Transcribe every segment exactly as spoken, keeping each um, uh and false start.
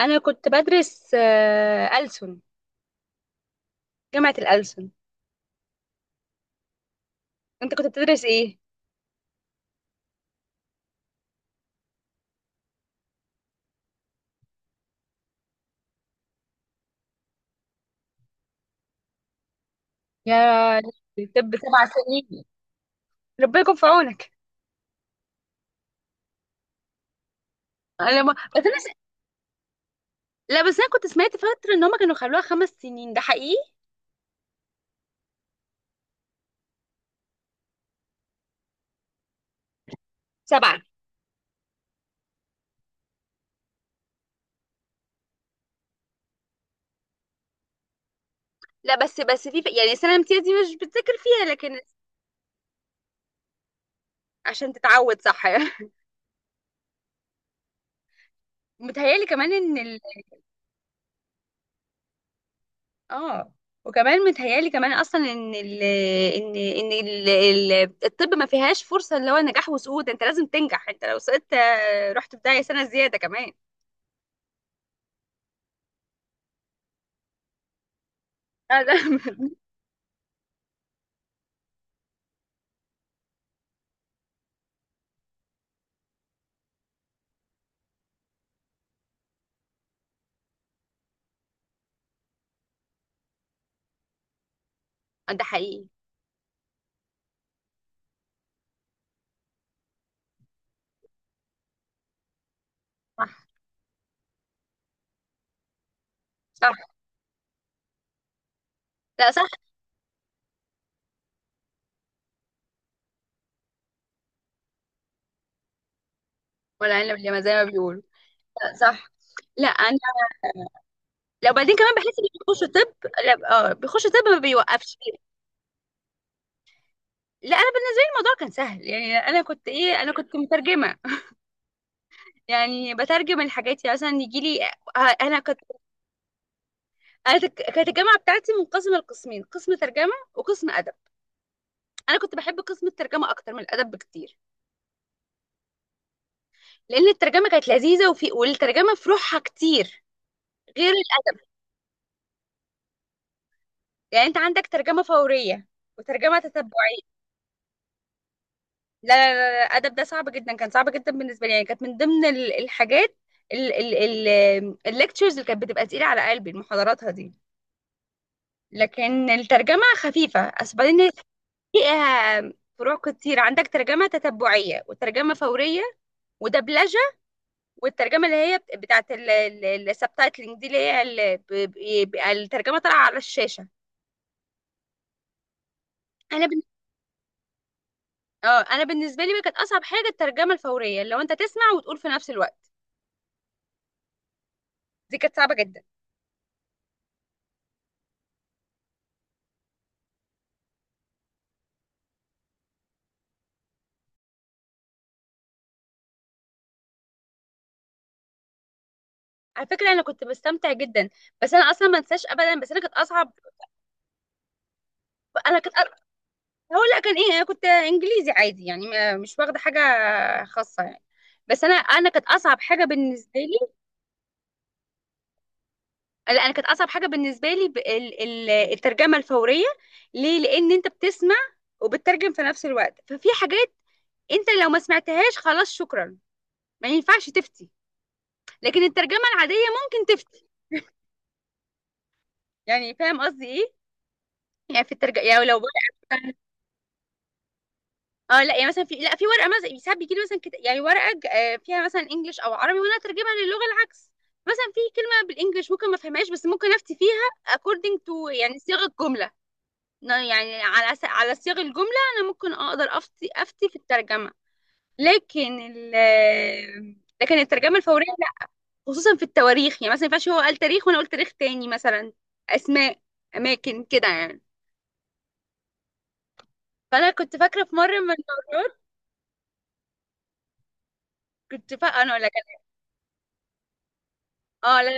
انا كنت بدرس آه، ألسن. جامعة الألسن. انت كنت بتدرس ايه؟ يا لهوي، طب سبع سنين. ربنا يكون في عونك. انا ما... بس انا س... لا بس انا كنت سمعت فترة ان هما كانوا خلوها خمس سنين. ده حقيقي؟ سبعة. لا، بس بس في ف- يعني السنة الامتياز دي مش بتذاكر فيها، لكن... عشان تتعود، صح. متهيألي كمان ان... اه، وكمان متهيالي كمان اصلا ان ال ان ان ال ال- الطب ما فيهاش فرصه اللي هو نجاح وسقوط. انت لازم تنجح، انت لو سقطت آه، رحت في داهيه سنه زياده كمان. آه، ده... ده حقيقي. صح. صح. لا صح. ولا انا اللي زي ما بيقولوا. لا صح. لا انا، لو بعدين كمان بحس اللي بيخش طب. لا اه، بيخش طب ما بيوقفش. لا انا، بين الموضوع كان سهل. يعني انا كنت ايه، انا كنت مترجمه. يعني بترجم الحاجات. يعني مثلا يجي لي، آه، انا كنت انا تك- كانت الجامعه بتاعتي منقسمه لقسمين: قسم ترجمه وقسم ادب. انا كنت بحب قسم الترجمه اكتر من الادب بكتير. لان الترجمه كانت لذيذه، وفي والترجمه في روحها كتير غير الادب. يعني انت عندك ترجمه فوريه وترجمه تتبعيه. لا لا لا لا، الادب ده صعب جدا، كان صعب جدا بالنسبه لي. يعني كانت من ضمن ال- الحاجات، الليكتشرز اللي كانت بتبقى تقيله على قلبي محاضراتها دي. لكن الترجمه خفيفه. بس بعدين فيها فروع كتير: عندك ترجمه تتبعيه وترجمه فوريه ودبلجه، والترجمه اللي هي بت- بتاعت السبتايتلنج دي، اللي هي ال- ب- بيبقى الترجمه طالعه على الشاشه. انا بن... اه، انا بالنسبه لي بقى، كانت اصعب حاجه الترجمه الفوريه. لو انت تسمع وتقول في نفس الوقت، دي كانت صعبه جدا. على فكره انا كنت بستمتع جدا، بس انا اصلا ما انساش ابدا. بس انا كانت اصعب. انا كنت هقول لا كان ايه، انا كنت انجليزي عادي، يعني ما- مش واخده حاجه خاصه يعني. بس انا انا كانت اصعب حاجه بالنسبه لي. لا، انا كانت اصعب حاجه بالنسبه لي ب- ال- ال- الترجمه الفوريه. ليه؟ لان انت بتسمع وبتترجم في نفس الوقت. ففي حاجات انت لو ما سمعتهاش، خلاص شكرا، ما ينفعش تفتي. لكن الترجمه العاديه ممكن تفتي. يعني فاهم قصدي ايه؟ يعني في الترجمه، يعني لو ورقه، اه لا يعني مثلا في... لا، في ورقه مثلا، ساعات بيجي لي مثلا كت... يعني ورقه ج- آه، فيها مثلا انجلش او عربي، وانا اترجمها للغه العكس. مثلا في كلمه بالانجلش ممكن ما افهمهاش، بس ممكن افتي فيها according to، يعني صيغه جمله. ن- يعني على س- على صيغ الجملة. أنا ممكن أقدر أفتي، أفتي في الترجمة. لكن ال لكن الترجمة الفورية لا. خصوصا في التواريخ، يعني مثلا ما ينفعش هو قال تاريخ وأنا قلت تاريخ تاني. مثلا أسماء، أماكن كده يعني. فأنا كنت فاكرة في مرة من المرات. كنت فا أنا أقول لك. اه لا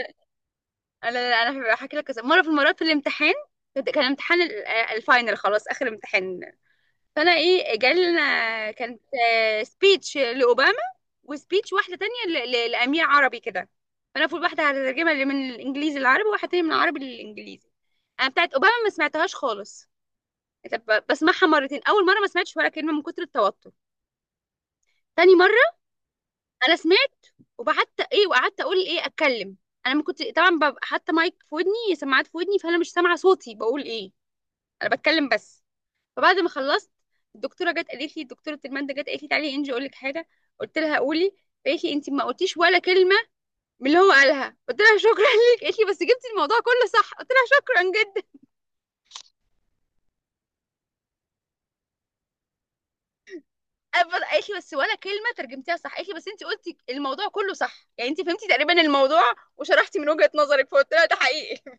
لا لا، أنا هحكي لك قصة. مرة في المرات في الامتحان، كنت- كان امتحان ال- الفاينل، خلاص آخر امتحان. فأنا إيه، جالنا كانت سبيتش لأوباما، وسبيتش واحده تانية ل- ل- لامير عربي كده. فانا المفروض واحده هترجمها اللي من الانجليزي للعربي، وواحده تانية من العربي للانجليزي. انا بتاعت اوباما ما سمعتهاش خالص. طب بسمعها مرتين: اول مره ما سمعتش ولا كلمه من كتر التوتر. تاني مره انا سمعت، وبعدت ايه وقعدت اقول، ايه، اتكلم. انا ما كنت طبعا ببقى حاطه مايك في ودني، سماعات في ودني، فانا مش سامعه صوتي بقول ايه. انا بتكلم بس. فبعد ما خلصت، الدكتوره جت قالت لي، دكتوره الماده جت قالت لي: تعالي انجي اقول لك حاجه. قلت لها: قولي. قالت لي: انت ما قلتيش ولا كلمه من اللي هو قالها. قلت لها: شكرا ليك. قالت لي: بس جبتي الموضوع كله صح. قلت لها: شكرا جدا. أب- قالت لي: بس ولا كلمه ترجمتيها صح. قالت لي: بس انت قلتي الموضوع كله صح، يعني انت فهمتي تقريبا الموضوع وشرحتي من وجهه نظرك. فقلت لها: ده حقيقي.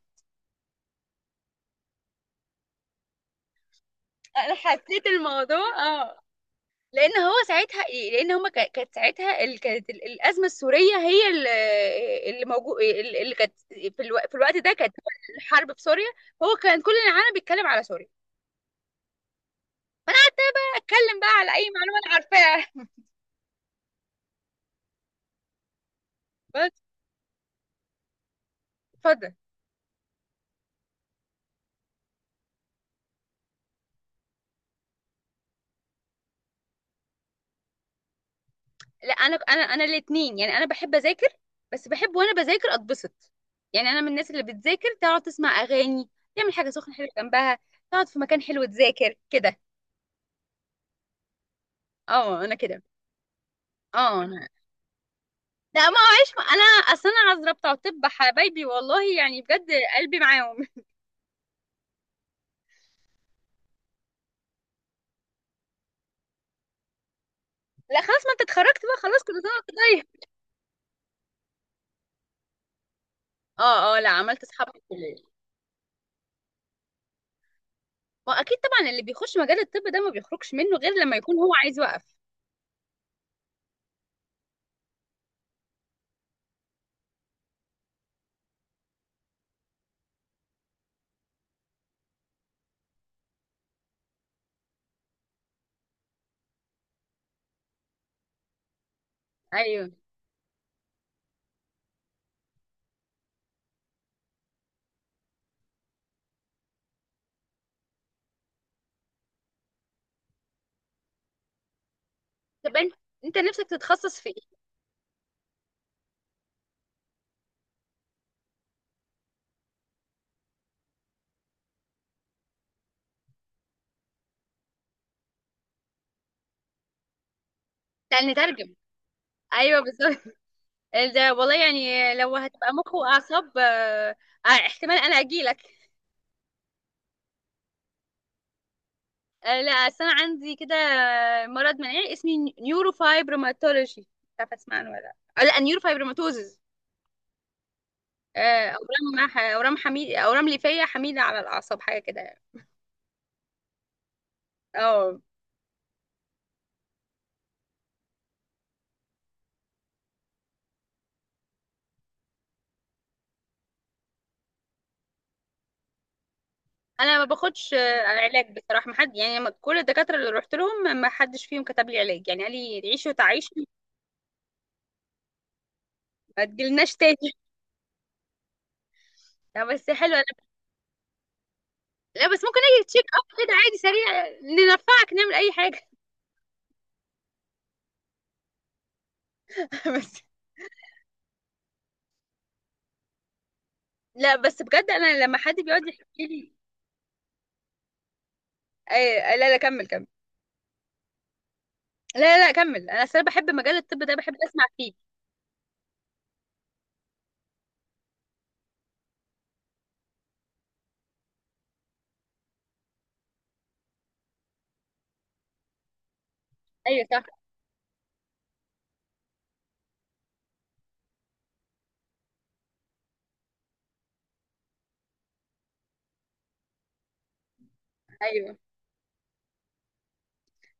انا حسيت الموضوع. اه، لان هو ساعتها ايه، لان هما كا- كانت ساعتها ال- كانت ال- الازمه السوريه هي ال- اللي موجود، اللي كانت في الو- في الوقت ده، كانت الحرب في سوريا. هو كان كل العالم بيتكلم على سوريا، فانا اتكلم بقى على اي معلومه انا عارفاها. بس. اتفضل. لا، انا انا انا الاثنين، يعني انا بحب اذاكر، بس بحب وانا بذاكر اتبسط. يعني انا من الناس اللي بتذاكر، تقعد تسمع اغاني، تعمل حاجه سخنه حلوه جنبها، تقعد في مكان حلو تذاكر كده. اه، انا كده. اه انا... لا ما معيش، ما انا اصل انا عذره بتوع طب حبايبي والله يعني بجد. قلبي معاهم. لا خلاص، ما انت اتخرجت بقى، خلاص، كل سنه وانت طيب. اه اه، لا عملت اصحاب في الكليه. واكيد طبعا اللي بيخش مجال الطب ده ما بيخرجش منه غير لما يكون هو عايز يوقف. ايوه، طب انت انت نفسك تتخصص في ايه؟ لان ترجمه. ايوه بالظبط. ده والله يعني لو هتبقى مخ واعصاب، آه، آه، احتمال انا اجيلك. آه، لا أصل انا عندي كده مرض مناعي اسمه نيورو فايبروماتولوجي، مش عارفه اسمع عنه ولا لا. آه، لا، نيورو فايبروماتوزز: اورام ح- اورام حميد، اورام ليفيه حميده على الاعصاب، حاجه كده يعني. اه، انا ما باخدش آه، علاج بصراحه. ما حد يعني ما- كل الدكاتره اللي رحت لهم ما حدش فيهم كتب لي علاج، يعني قال لي: تعيشي وتعيشي، ما تجيلناش تاني. لا بس حلو. لا بس ممكن اجي تشيك اب كده عادي سريع، ننفعك نعمل اي حاجه. بس. لا بس بجد انا لما حد بيقعد يحكي لي... أي... لا لا، كمل كمل. لا لا لا، كمل. انا اصلا بحب مجال الطب ده، بحب اسمع فيه. ايوه صح. ايوه.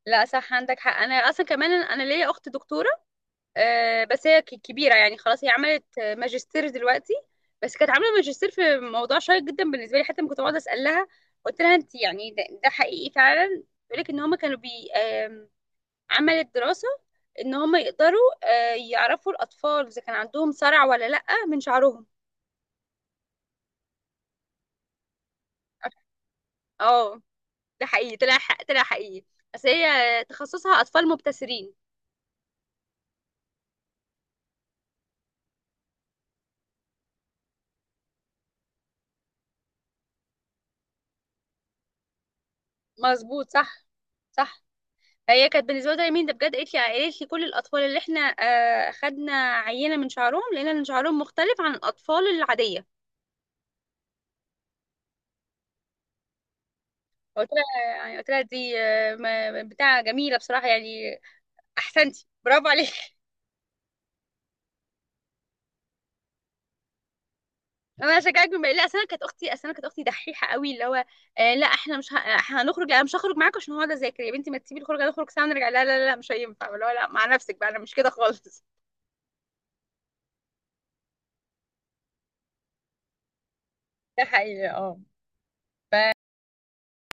لا صح، عندك حق. انا اصلا كمان، انا ليا اخت دكتوره. آه بس هي ك- كبيره يعني خلاص، هي عملت آه، ماجستير دلوقتي. بس كانت عامله ماجستير في موضوع شيق جدا بالنسبه لي. حتى لما كنت بقعد اسالها، قلت لها: انت يعني ده, ده حقيقي فعلا؟ بيقول لك ان هم كانوا بي عملت دراسة ان هم يقدروا آه، يعرفوا الاطفال اذا كان عندهم صرع ولا لا من شعرهم. اه، ده حقيقي، طلع حق، طلع حقيقي. بس هي تخصصها اطفال مبتسرين. مظبوط. صح. صح. هي كانت بالنسبه لي مين ده بجد! قالت لي قالت لي: كل الاطفال اللي احنا آه، خدنا عينه من شعرهم، لقينا ان شعرهم مختلف عن الاطفال العاديه. قلت لها يعني، قلت لها: دي آه، ما- بتاع جميله بصراحه يعني، احسنتي، برافو عليك. انا هشجعك بما... لا اصل انا كانت اختي، اصل انا كانت اختي دحيحه قوي اللي هو: آه لا احنا مش ه... هنخرج، لا أنا مش هخرج معاك عشان هقعد اذاكر، يا بنتي ما تسيبي الخروجه نخرج سوا ونرجع، لا لا لا مش هينفع اللي هو، لا مع نفسك بقى، انا مش كده خالص. ده حقيقي. اه،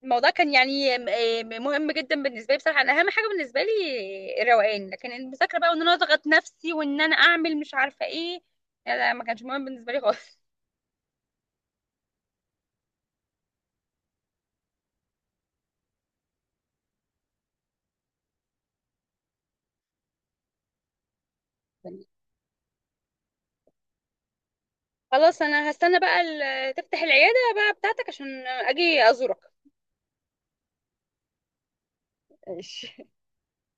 الموضوع كان يعني م- آه، مهم جدا بالنسبه لي بصراحه. انا اهم حاجه بالنسبه لي الروقان، لكن المذاكره بقى، وان انا اضغط نفسي وان انا اعمل مش عارفه ايه، لا لا، ما كانش مهم بالنسبه لي خالص. خلاص، انا هستنى بقى ال- تفتح العياده بقى بتاعتك عشان اجي ازورك. ماشي.